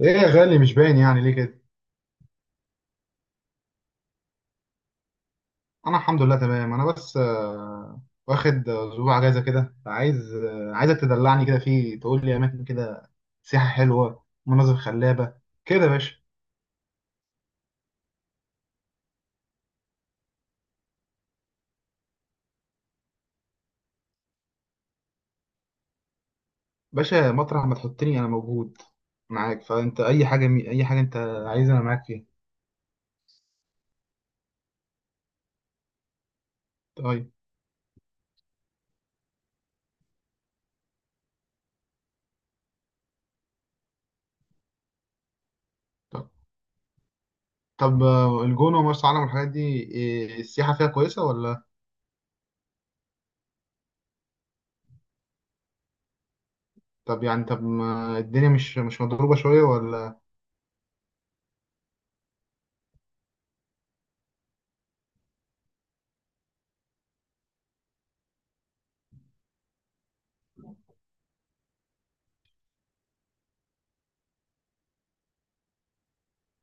ايه يا غالي، مش باين يعني ليه كده. انا الحمد لله تمام. انا بس واخد اسبوع اجازه كده. عايز عايزك تدلعني كده، فيه تقول لي اماكن كده، سياحه حلوه، مناظر خلابه كده يا باشا. باشا مطرح ما تحطني انا موجود معاك، فانت اي حاجه انت عايزها انا معاك فيها. طيب. طب طب آه، الجونه ومرسى علم والحاجات دي، إيه السياحه فيها كويسه ولا؟ طب يعني، طب ما الدنيا مش مضروبه شويه ولا؟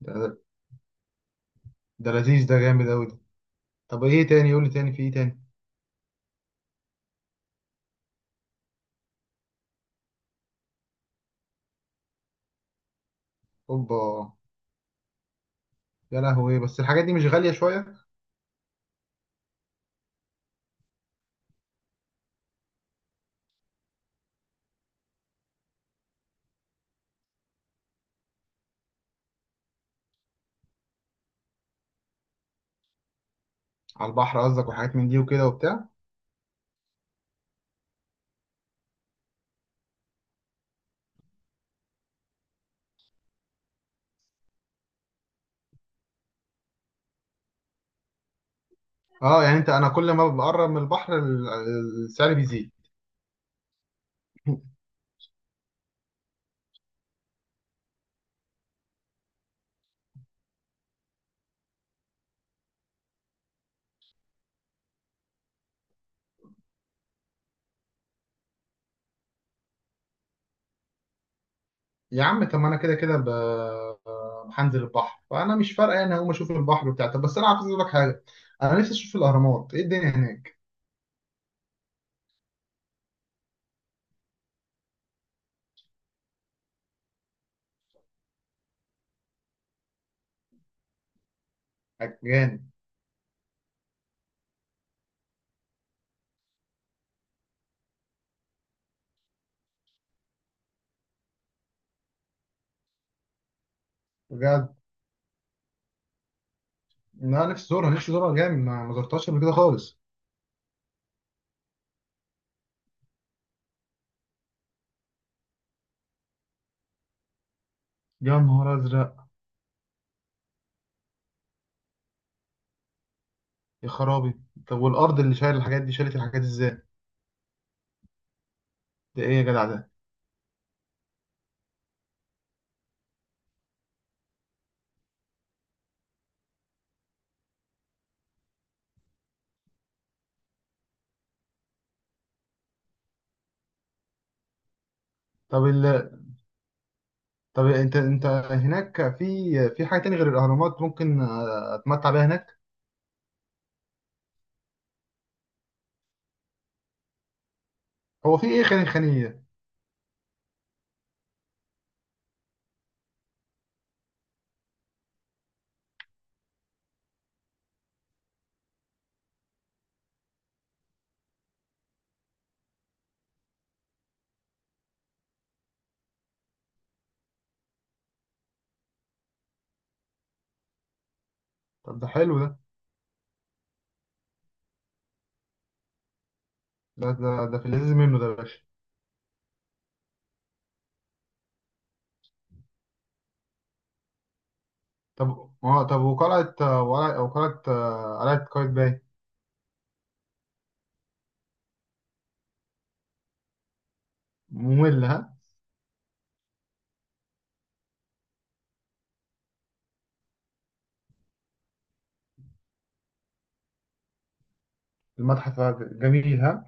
ده, ده لذيذ، ده جامد قوي ده. طب ايه تاني، قول لي تاني، في ايه تاني؟ اوبا، يا لهوي، بس الحاجات دي مش غالية شوية؟ على البحر قصدك وحاجات من دي وكده وبتاع؟ اه يعني انت، انا كل ما بقرب من البحر السعر بيزيد. يا عم، طب ما انا كده كده هنزل البحر، فانا مش فارقه يعني، هقوم اشوف البحر بتاع. طب بس انا عايز اقول لك حاجه، انا نفسي اشوف الاهرامات، ايه الدنيا هناك؟ جامد. بجد، انا نفسي ازورها، نفسي ازورها جامد، ما زرتهاش قبل كده خالص. يا نهار ازرق. يا خرابي. طب والارض اللي شايل الحاجات دي شالت الحاجات ازاي؟ ده ايه يا جدع ده؟ طب ال طب انت، هناك في حاجه تانية غير الاهرامات ممكن اتمتع بيها هناك؟ هو في ايه، خاني خانيه؟ طب ده حلو ده. ده في اللذيذ منه ده يا باشا. طب اه، طب وقلعه آه، وقلعه وقلعه آه، قلعه قايتباي؟ ممل ها. المتحف، جميل ها.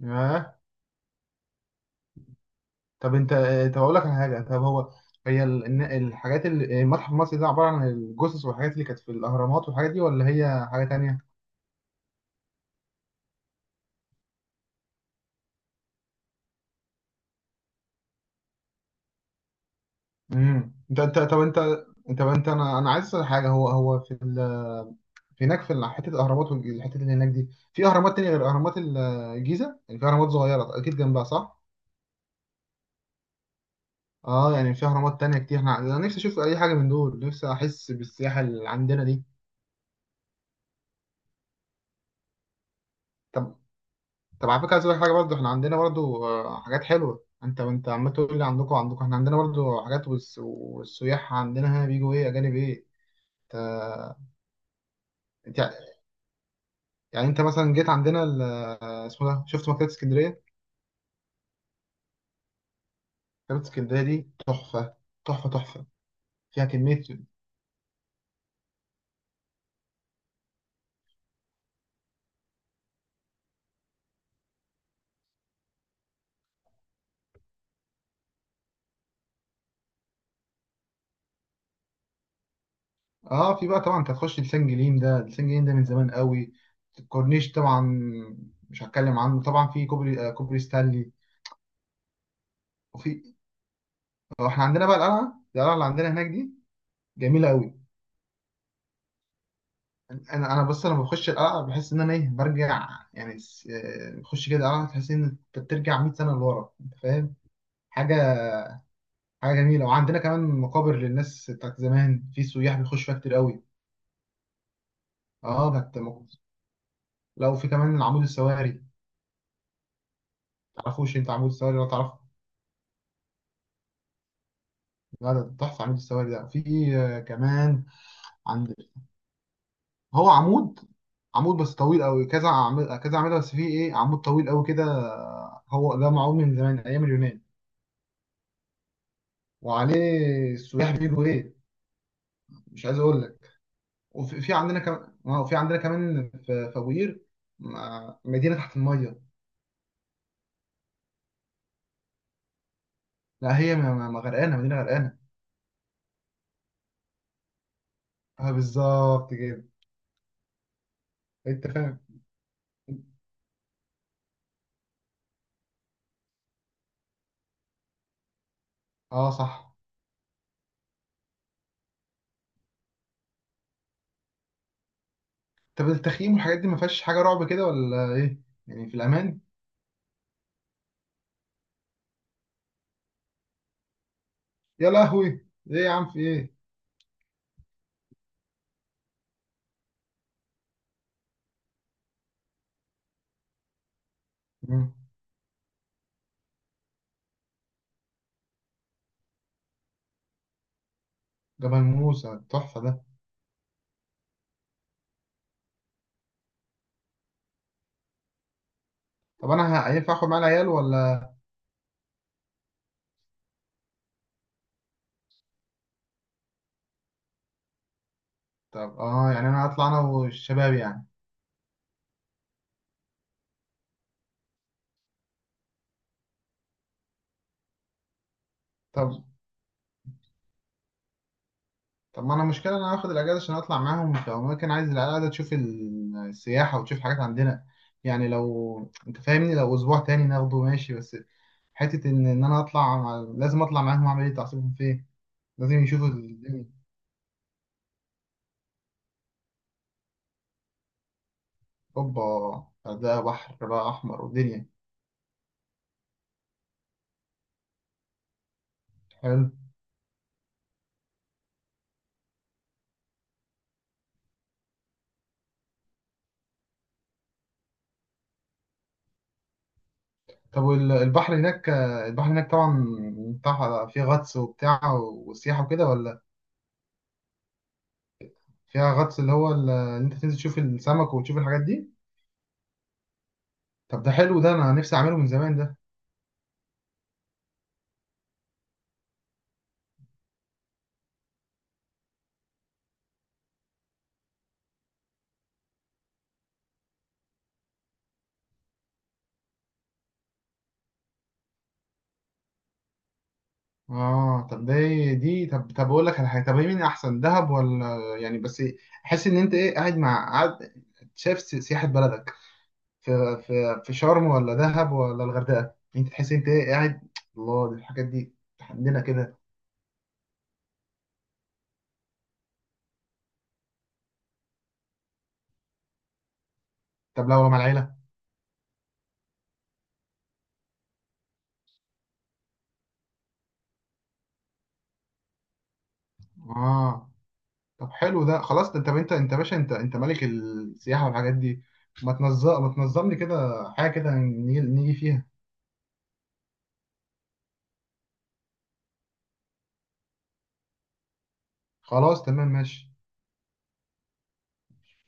ياه. طب انت طب اقول لك على حاجه، طب هو هي ال- الن- الحاجات اللي المتحف المصري ده، عباره عن الجثث والحاجات اللي كانت في الاهرامات والحاجات دي، ولا هي حاجه تانية؟ امم، انت انت طب انت طب انت انا انا عايز اسال حاجه. هو هو في ال هناك في حته الاهرامات والحته اللي هناك دي، في اهرامات تانية غير اهرامات الجيزه يعني؟ في اهرامات صغيره اكيد جنبها، صح؟ اه يعني في اهرامات تانية كتير، احنا انا نفسي اشوف اي حاجه من دول، نفسي احس بالسياحه اللي عندنا دي. طب، طب على فكره، عايز اقول لك حاجه برضه، احنا عندنا برضه حاجات حلوه. انت انت عمال تقول لي عندكم عندكم، احنا عندنا برضه حاجات. والسياح عندنا هنا بيجوا ايه، اجانب ايه. انت انت- يعني انت مثلا جيت عندنا اسمه ده، شفت مكتبه اسكندريه؟ مكتبه اسكندريه دي تحفه، تحفه، فيها كمية. اه في بقى طبعا، انت هتخش لسان جليم، ده لسان جليم ده من زمان قوي. الكورنيش طبعا مش هتكلم عنه. طبعا في كوبري، آه كوبري ستانلي. وفي احنا عندنا بقى القلعه، القلعه اللي عندنا هناك دي جميله قوي. انا انا بس لما بخش القلعه بحس ان انا ايه، برجع يعني. بخش كده القلعه، تحس ان انت بترجع 100 سنه لورا، انت فاهم؟ حاجه، حاجه جميله. وعندنا كمان مقابر للناس بتاعت زمان، في سياح بيخشوا فيها كتير قوي. اه كانت مق- لو في كمان عمود السواري، تعرفوش انت عمود السواري ولا تعرف؟ لا ده تحفة، عمود السواري ده في كمان. عند، هو عمود، عمود بس طويل قوي، كذا عمود كذا عمود بس، فيه ايه، عمود طويل قوي كده، هو ده معمول من زمان ايام اليونان. وعليه السياح بيجوا ايه، مش عايز اقول لك. وفي في عندنا كمان، اه في عندنا كمان، في في ابو قير، مدينة تحت المية. لا هي ما غرقانة، مدينة غرقانة. اه بالظبط كده. انت فاهم. اه صح. طب التخييم والحاجات دي ما فيهاش حاجة رعب كده ولا ايه؟ يعني في الامان؟ يا لهوي، ايه يا عم، في ايه؟ مم. جبل موسى تحفة ده. طب أنا هينفع آخد معايا العيال ولا؟ طب آه يعني أنا هطلع أنا والشباب يعني. طب، طب ما أنا مشكلة إن أنا هاخد الأجازة عشان أطلع معاهم، فممكن عايز العيال قاعدة تشوف السياحة وتشوف حاجات عندنا يعني. لو أنت فاهمني، لو أسبوع تاني ناخده ماشي، بس حتة إن أنا أطلع لازم أطلع معاهم، أعمل إيه، تعصيبهم فين، لازم يشوفوا الدنيا. أوبا، ده بحر بقى أحمر ودنيا. حلو. طب والبحر هناك، البحر هناك طبعا بتاع فيه غطس وبتاع وسياحة وكده ولا؟ فيها غطس، اللي هو اللي انت تنزل تشوف السمك وتشوف الحاجات دي؟ طب ده حلو ده، انا نفسي اعمله من زمان ده. اه طب ده إيه دي، طب طب اقول لك على حاجة، طب إيه مين احسن، دهب ولا يعني، بس احس ان انت ايه قاعد مع، قاعد شايف سياحة بلدك في، في شرم ولا دهب ولا الغردقة، انت تحس انت ايه، قاعد، الله، دي الحاجات دي عندنا كده. طب لو مع العيلة. اه طب حلو ده خلاص طب انت، يا باشا انت ملك السياحه والحاجات دي، ما تنظم لي كده حاجه كده، نيجي فيها. خلاص تمام ماشي.